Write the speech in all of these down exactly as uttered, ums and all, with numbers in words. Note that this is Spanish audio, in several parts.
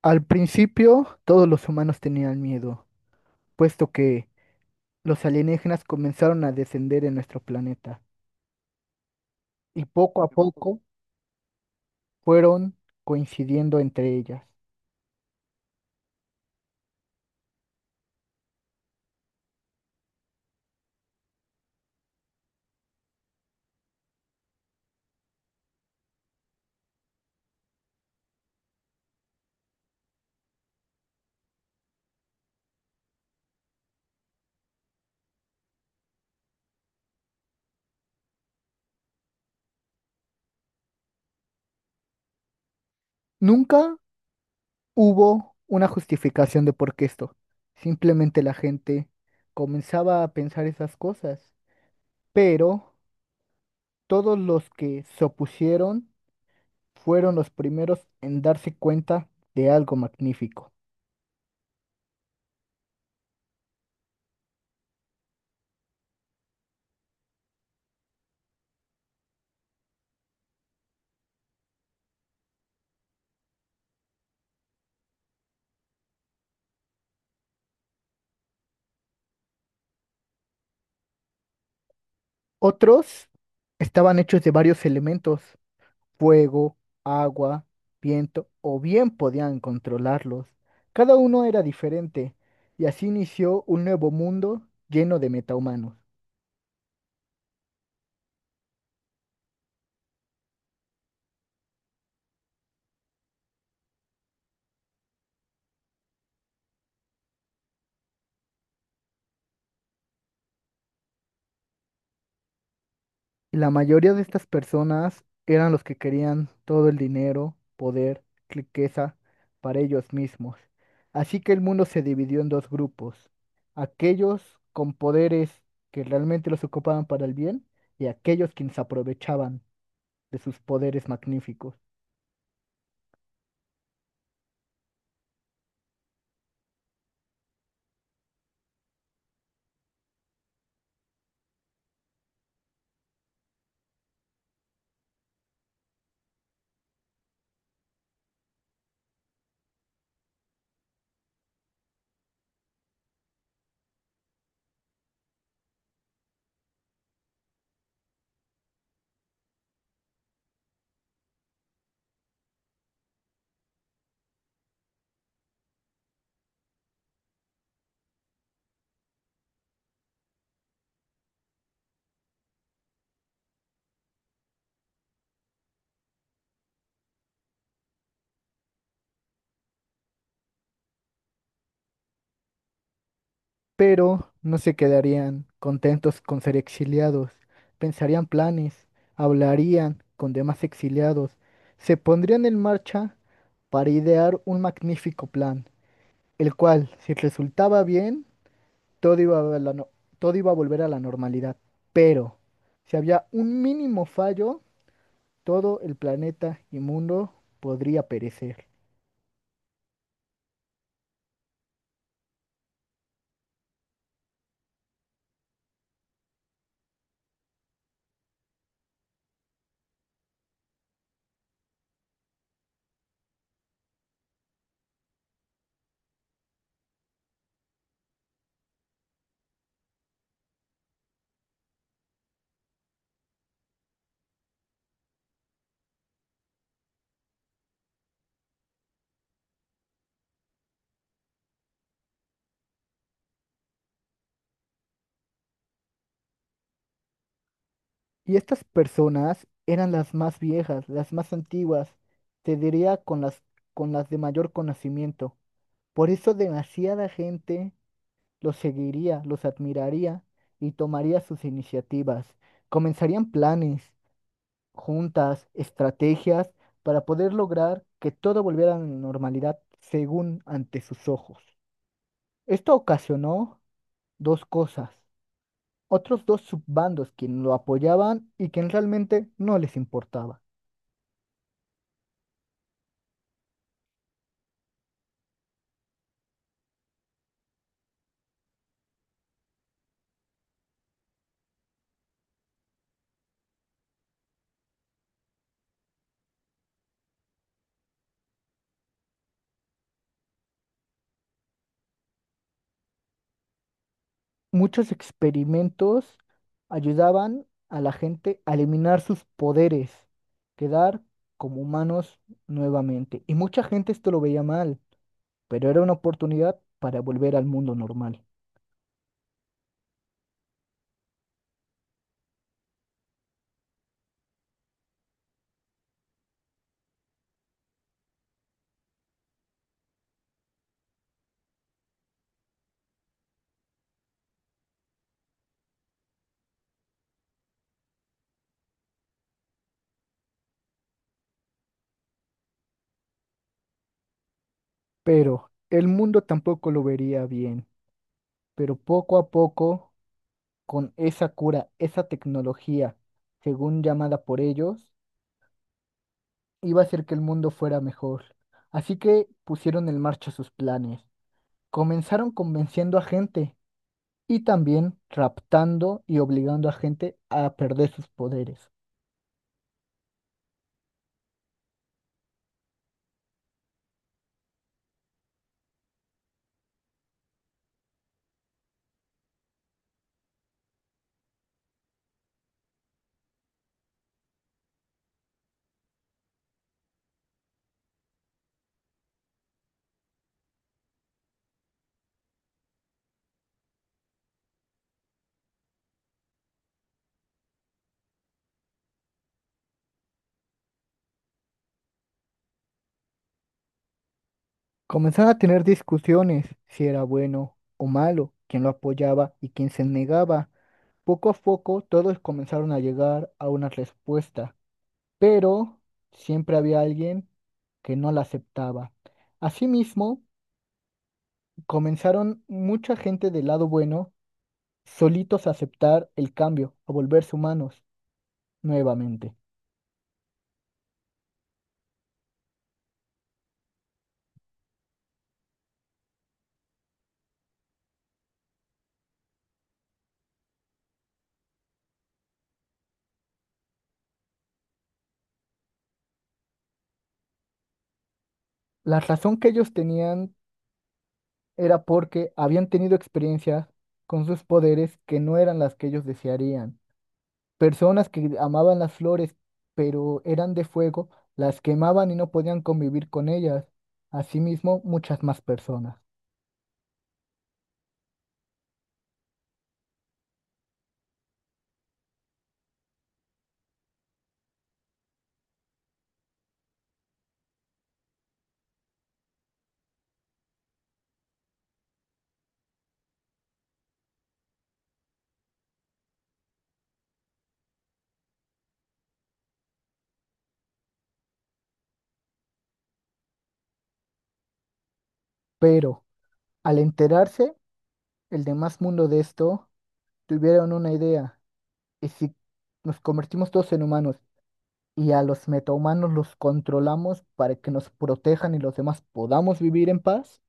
Al principio, todos los humanos tenían miedo, puesto que los alienígenas comenzaron a descender en nuestro planeta y poco a poco fueron coincidiendo entre ellas. Nunca hubo una justificación de por qué esto. Simplemente la gente comenzaba a pensar esas cosas, pero todos los que se opusieron fueron los primeros en darse cuenta de algo magnífico. Otros estaban hechos de varios elementos: fuego, agua, viento, o bien podían controlarlos. Cada uno era diferente, y así inició un nuevo mundo lleno de metahumanos. Y la mayoría de estas personas eran los que querían todo el dinero, poder, riqueza para ellos mismos. Así que el mundo se dividió en dos grupos, aquellos con poderes que realmente los ocupaban para el bien y aquellos quienes aprovechaban de sus poderes magníficos. Pero no se quedarían contentos con ser exiliados. Pensarían planes, hablarían con demás exiliados, se pondrían en marcha para idear un magnífico plan, el cual, si resultaba bien, todo iba a la no- todo iba a volver a la normalidad. Pero, si había un mínimo fallo, todo el planeta y mundo podría perecer. Y estas personas eran las más viejas, las más antiguas, te diría con las, con las de mayor conocimiento. Por eso demasiada gente los seguiría, los admiraría y tomaría sus iniciativas. Comenzarían planes, juntas, estrategias para poder lograr que todo volviera a la normalidad según ante sus ojos. Esto ocasionó dos cosas, otros dos subbandos quienes lo apoyaban y quien realmente no les importaba. Muchos experimentos ayudaban a la gente a eliminar sus poderes, quedar como humanos nuevamente. Y mucha gente esto lo veía mal, pero era una oportunidad para volver al mundo normal. Pero el mundo tampoco lo vería bien. Pero poco a poco, con esa cura, esa tecnología, según llamada por ellos, iba a hacer que el mundo fuera mejor. Así que pusieron en marcha sus planes. Comenzaron convenciendo a gente y también raptando y obligando a gente a perder sus poderes. Comenzaron a tener discusiones si era bueno o malo, quién lo apoyaba y quién se negaba. Poco a poco todos comenzaron a llegar a una respuesta, pero siempre había alguien que no la aceptaba. Asimismo, comenzaron mucha gente del lado bueno solitos a aceptar el cambio, a volverse humanos nuevamente. La razón que ellos tenían era porque habían tenido experiencias con sus poderes que no eran las que ellos desearían. Personas que amaban las flores, pero eran de fuego, las quemaban y no podían convivir con ellas. Asimismo, muchas más personas. Pero al enterarse, el demás mundo de esto, tuvieron una idea. ¿Y si nos convertimos todos en humanos y a los metahumanos los controlamos para que nos protejan y los demás podamos vivir en paz?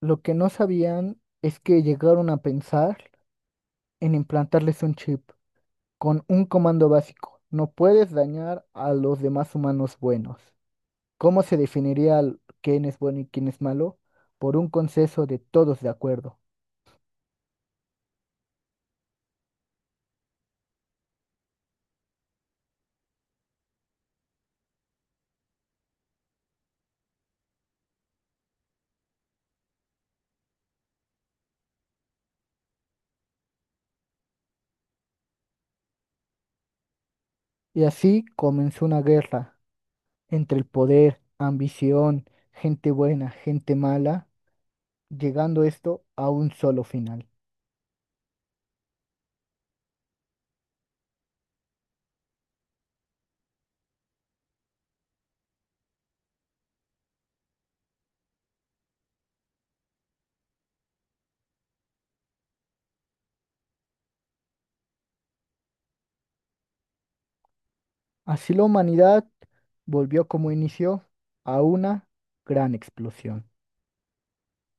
Lo que no sabían es que llegaron a pensar en implantarles un chip con un comando básico. No puedes dañar a los demás humanos buenos. ¿Cómo se definiría l- quién es bueno y quién es malo? Por un consenso de todos de acuerdo. Y así comenzó una guerra entre el poder, ambición, gente buena, gente mala, llegando esto a un solo final. Así la humanidad volvió como inició a una gran explosión.